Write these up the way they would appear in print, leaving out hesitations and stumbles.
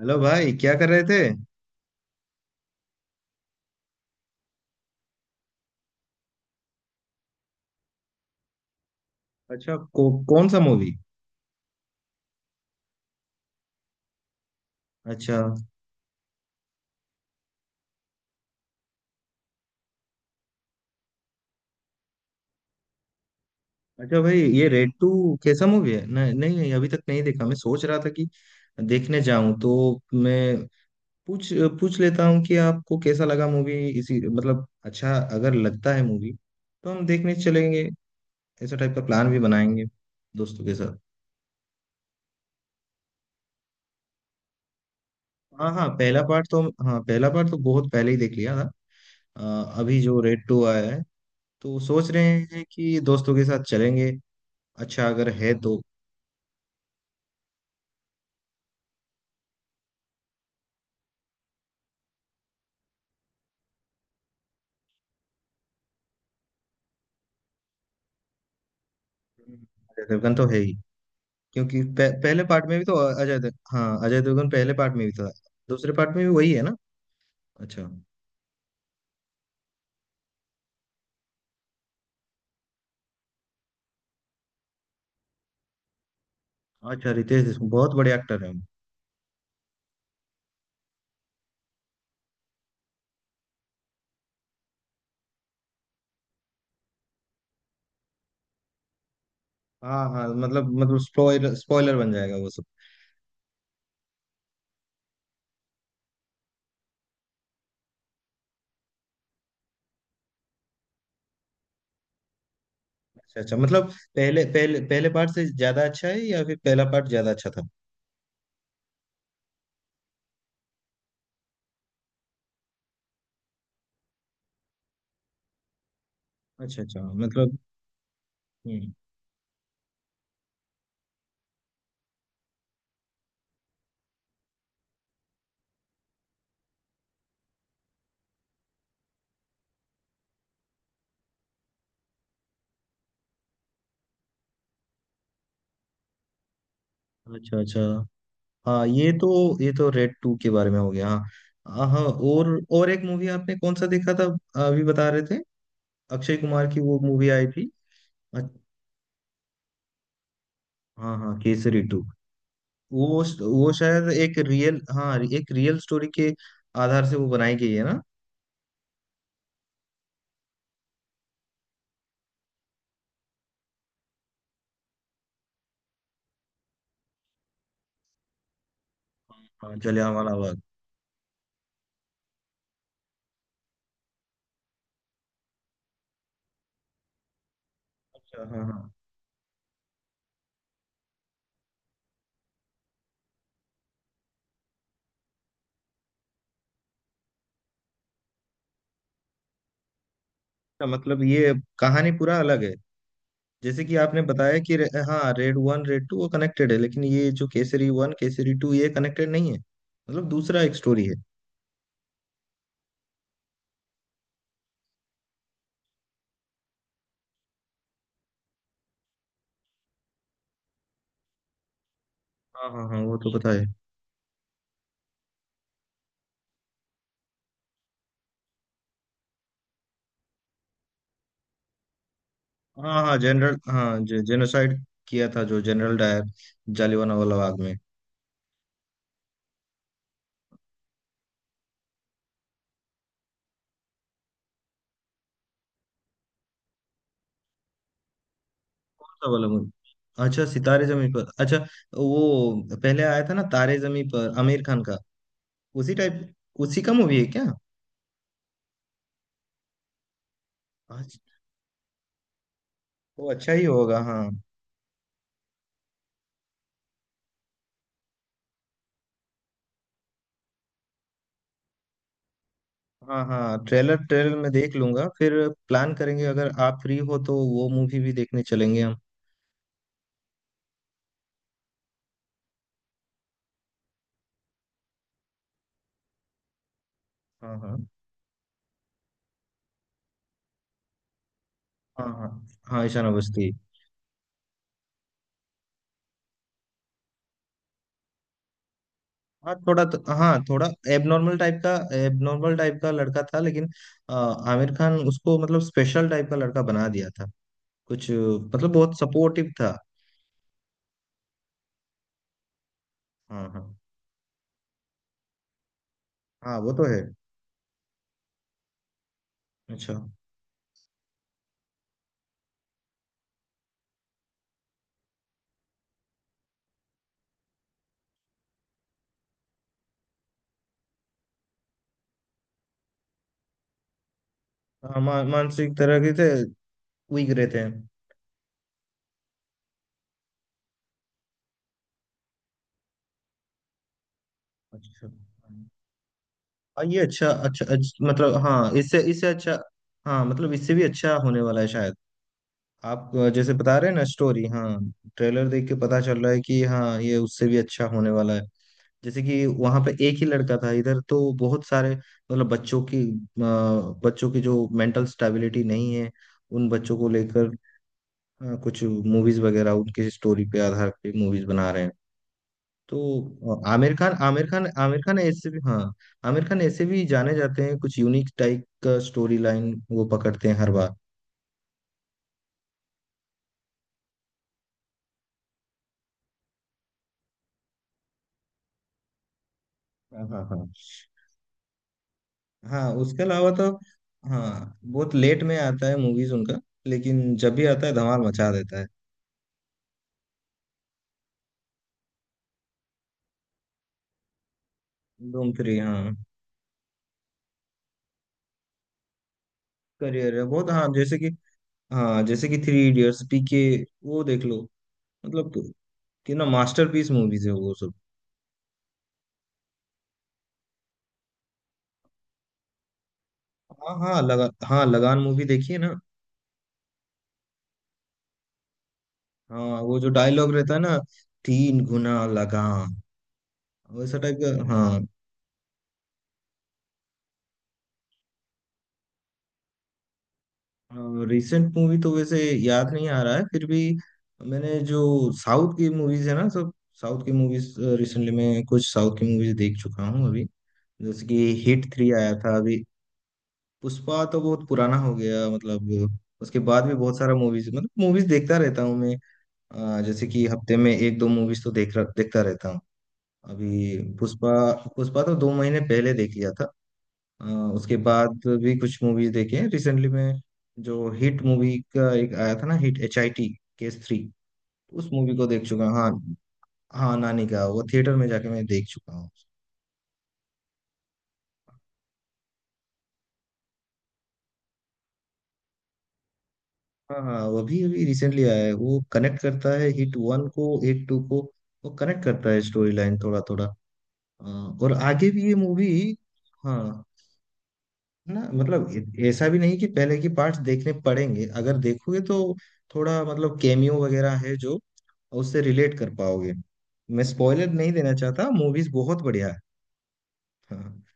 Hello भाई, क्या कर रहे थे। कौन सा मूवी। अच्छा अच्छा भाई, ये रेड टू कैसा मूवी है। नहीं नहीं, अभी तक नहीं देखा। मैं सोच रहा था कि देखने जाऊं तो मैं पूछ पूछ लेता हूं कि आपको कैसा लगा मूवी इसी मतलब। अच्छा अगर लगता है मूवी तो हम देखने चलेंगे, ऐसा टाइप का प्लान भी बनाएंगे दोस्तों के साथ। हाँ हाँ, पहला पार्ट तो, हाँ पहला पार्ट तो बहुत पहले ही देख लिया था। अ, अभी जो रेड टू आया है तो सोच रहे हैं कि दोस्तों के साथ चलेंगे, अच्छा अगर है तो। हम्म। अजय देवगन तो है ही, क्योंकि पहले पार्ट में भी तो अजय देवगन पहले पार्ट में भी था, दूसरे पार्ट में भी वही है ना। अच्छा, अच्छा। रितेश देशमुख बहुत बड़े एक्टर हैं। हाँ हाँ, मतलब स्पॉइलर स्पॉइलर बन जाएगा वो सब। अच्छा अच्छा मतलब, पहले पहले पहले पार्ट से ज्यादा अच्छा है या फिर पहला पार्ट ज्यादा अच्छा था। अच्छा अच्छा मतलब। हम्म। अच्छा अच्छा। हाँ ये तो, ये तो रेड टू के बारे में हो गया। हाँ हाँ, और एक मूवी आपने कौन सा देखा था, अभी बता रहे थे। अक्षय कुमार की वो मूवी आई थी। अ- हाँ हाँ, केसरी टू। वो वो शायद एक रियल, हाँ एक रियल स्टोरी के आधार से वो बनाई गई है ना। हाँ, जलियांवाला बाग। अच्छा, हाँ हाँ। अच्छा, मतलब ये कहानी पूरा अलग है। जैसे कि आपने बताया कि हाँ, रेड वन रेड टू वो कनेक्टेड है, लेकिन ये जो केसरी वन केसरी टू ये कनेक्टेड नहीं है, मतलब दूसरा एक स्टोरी है। हाँ हाँ हाँ, वो तो पता है। हाँ हाँ, जनरल, हाँ जेनोसाइड किया था जो जनरल डायर, जालियांवाला बाग में। कौन सा वाला मूवी। अच्छा, सितारे जमी पर, अच्छा। वो पहले आया था ना, तारे जमी पर, आमिर खान का। उसी टाइप, उसी का मूवी है क्या। अच्छा, वो अच्छा ही होगा। हाँ हाँ हाँ, ट्रेलर, ट्रेलर में देख लूंगा फिर, प्लान करेंगे। अगर आप फ्री हो तो वो मूवी भी देखने चलेंगे हम। हाँ हाँ हाँ हाँ। हाँ ईशान अवस्थी। हाँ थोड़ा तो, हाँ थोड़ा एबनॉर्मल टाइप का, एबनॉर्मल टाइप का लड़का था। लेकिन आमिर खान उसको मतलब स्पेशल टाइप का लड़का बना दिया था, कुछ मतलब बहुत सपोर्टिव था। हाँ हाँ। हाँ वो तो है। अच्छा। हाँ, मानसिक तरह के थे, वीक रहते हैं। अच्छा। हाँ, ये अच्छा अच्छा अच्छा, मतलब हाँ इससे, इससे अच्छा। हाँ मतलब इससे भी अच्छा होने वाला है शायद। आप जैसे बता रहे हैं ना स्टोरी, हाँ ट्रेलर देख के पता चल रहा है कि हाँ ये उससे भी अच्छा होने वाला है। जैसे कि वहां पे एक ही लड़का था, इधर तो बहुत सारे मतलब बच्चों की बच्चों की जो मेंटल स्टेबिलिटी नहीं है उन बच्चों को लेकर कुछ मूवीज वगैरह उनके स्टोरी पे आधार पे मूवीज बना रहे हैं। तो आमिर खान ऐसे भी, हाँ आमिर खान ऐसे भी जाने जाते हैं, कुछ यूनिक टाइप का स्टोरी लाइन वो पकड़ते हैं हर बार। हाँ हाँ हाँ हाँ। उसके अलावा तो, हाँ बहुत लेट में आता है मूवीज उनका, लेकिन जब भी आता है धमाल मचा देता है। धूम थ्री, हाँ करियर है बहुत। हाँ जैसे कि, हाँ जैसे कि थ्री इडियट्स, पीके, वो देख लो। मतलब कितना मास्टरपीस मूवीज है वो सब। हाँ हाँ लगान मूवी देखिए ना। हाँ वो जो डायलॉग रहता है ना, तीन गुना लगाम, वैसा टाइप का हाँ। रिसेंट मूवी तो वैसे याद नहीं आ रहा है, फिर भी मैंने जो साउथ की मूवीज है ना सब, साउथ की मूवीज रिसेंटली मैं कुछ साउथ की मूवीज देख चुका हूँ अभी। जैसे कि हिट थ्री आया था अभी। पुष्पा तो बहुत पुराना हो गया मतलब, उसके बाद भी बहुत सारा मूवीज, मतलब मूवीज देखता रहता हूँ मैं। जैसे कि हफ्ते में एक दो मूवीज तो देखता रहता हूँ। अभी पुष्पा, पुष्पा तो दो महीने पहले देख लिया था। अ, उसके बाद भी कुछ मूवीज देखे हैं रिसेंटली में। जो हिट मूवी का एक आया था ना, हिट HIT, केस थ्री, उस मूवी को देख चुका हूँ। हाँ हाँ, नानी का वो थिएटर में जाके मैं देख चुका हूँ। हाँ हाँ, वो भी अभी रिसेंटली आया है। वो कनेक्ट करता है हिट वन को, हिट टू को। वो कनेक्ट करता है स्टोरी लाइन थोड़ा थोड़ा, और आगे भी ये मूवी। हाँ, ना मतलब ऐसा भी नहीं कि पहले की पार्ट्स देखने पड़ेंगे, अगर देखोगे तो थोड़ा मतलब कैमियो वगैरह है जो उससे रिलेट कर पाओगे। मैं स्पॉइलर नहीं देना चाहता, मूवीज बहुत बढ़िया है। हाँ।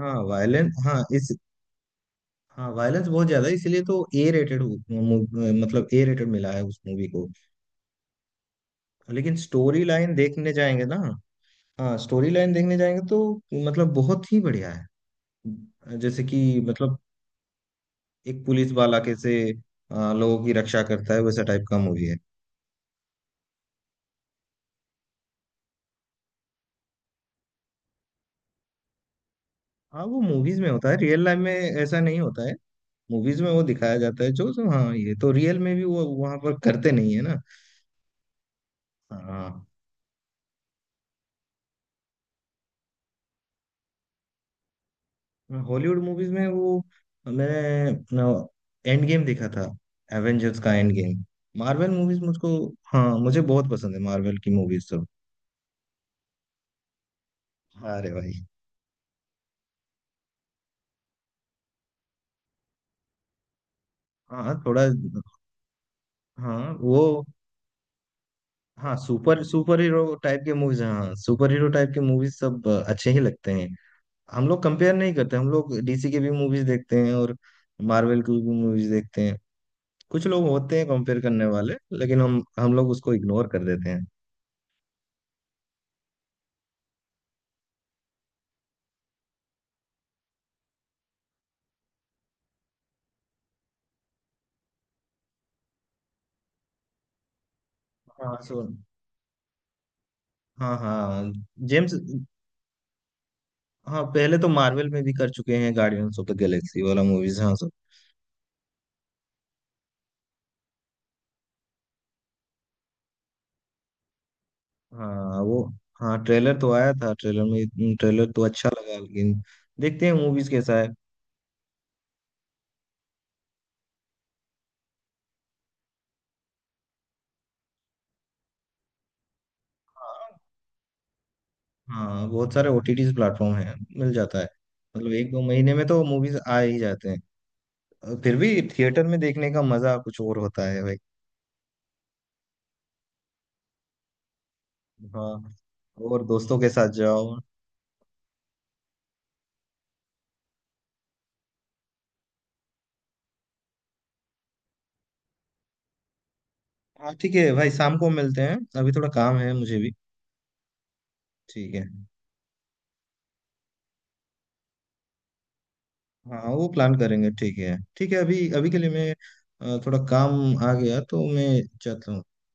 हाँ वायलेंस, हाँ वायलेंस बहुत ज्यादा है, इसीलिए तो ए रेटेड, मतलब ए रेटेड मिला है उस मूवी को। लेकिन स्टोरी लाइन देखने जाएंगे ना, हाँ स्टोरी लाइन देखने जाएंगे तो मतलब बहुत ही बढ़िया है। जैसे कि मतलब एक पुलिस वाला कैसे लोगों की रक्षा करता है, वैसा टाइप का मूवी है। हाँ वो मूवीज में होता है, रियल लाइफ में ऐसा नहीं होता है। मूवीज में वो दिखाया जाता है जो, जो हाँ ये तो रियल में भी वो वहां पर करते नहीं है ना। हाँ। हॉलीवुड मूवीज में वो, मैंने एंड गेम देखा था, एवेंजर्स का एंड गेम। मार्वल मूवीज मुझको, हाँ मुझे बहुत पसंद है मार्वल की मूवीज तो। अरे भाई। हाँ थोड़ा। हाँ वो। हाँ सुपर सुपर हीरो टाइप के मूवीज, हाँ सुपर हीरो टाइप के मूवीज सब अच्छे ही लगते हैं। हम लोग कंपेयर नहीं करते, हम लोग डीसी के भी मूवीज देखते हैं और मार्वल की भी मूवीज देखते हैं। कुछ लोग होते हैं कंपेयर करने वाले, लेकिन हम लोग उसको इग्नोर कर देते हैं। हाँ सो। हाँ हाँ जेम्स। हाँ पहले तो मार्वल में भी कर चुके हैं, गार्डियंस ऑफ द गैलेक्सी वाला मूवीज, हाँ सो। हाँ वो। हाँ ट्रेलर तो आया था, ट्रेलर में ट्रेलर तो अच्छा लगा, लेकिन देखते हैं मूवीज कैसा है। हाँ बहुत सारे ओटीटी प्लेटफॉर्म हैं, मिल जाता है। मतलब एक दो महीने में तो मूवीज आ ही जाते हैं, फिर भी थिएटर में देखने का मजा कुछ और होता है भाई। हाँ और दोस्तों के साथ जाओ। हाँ ठीक है भाई, शाम को मिलते हैं, अभी थोड़ा काम है मुझे भी। ठीक है, हाँ वो प्लान करेंगे। ठीक है ठीक है, अभी अभी के लिए मैं थोड़ा काम आ गया तो मैं जाता हूँ।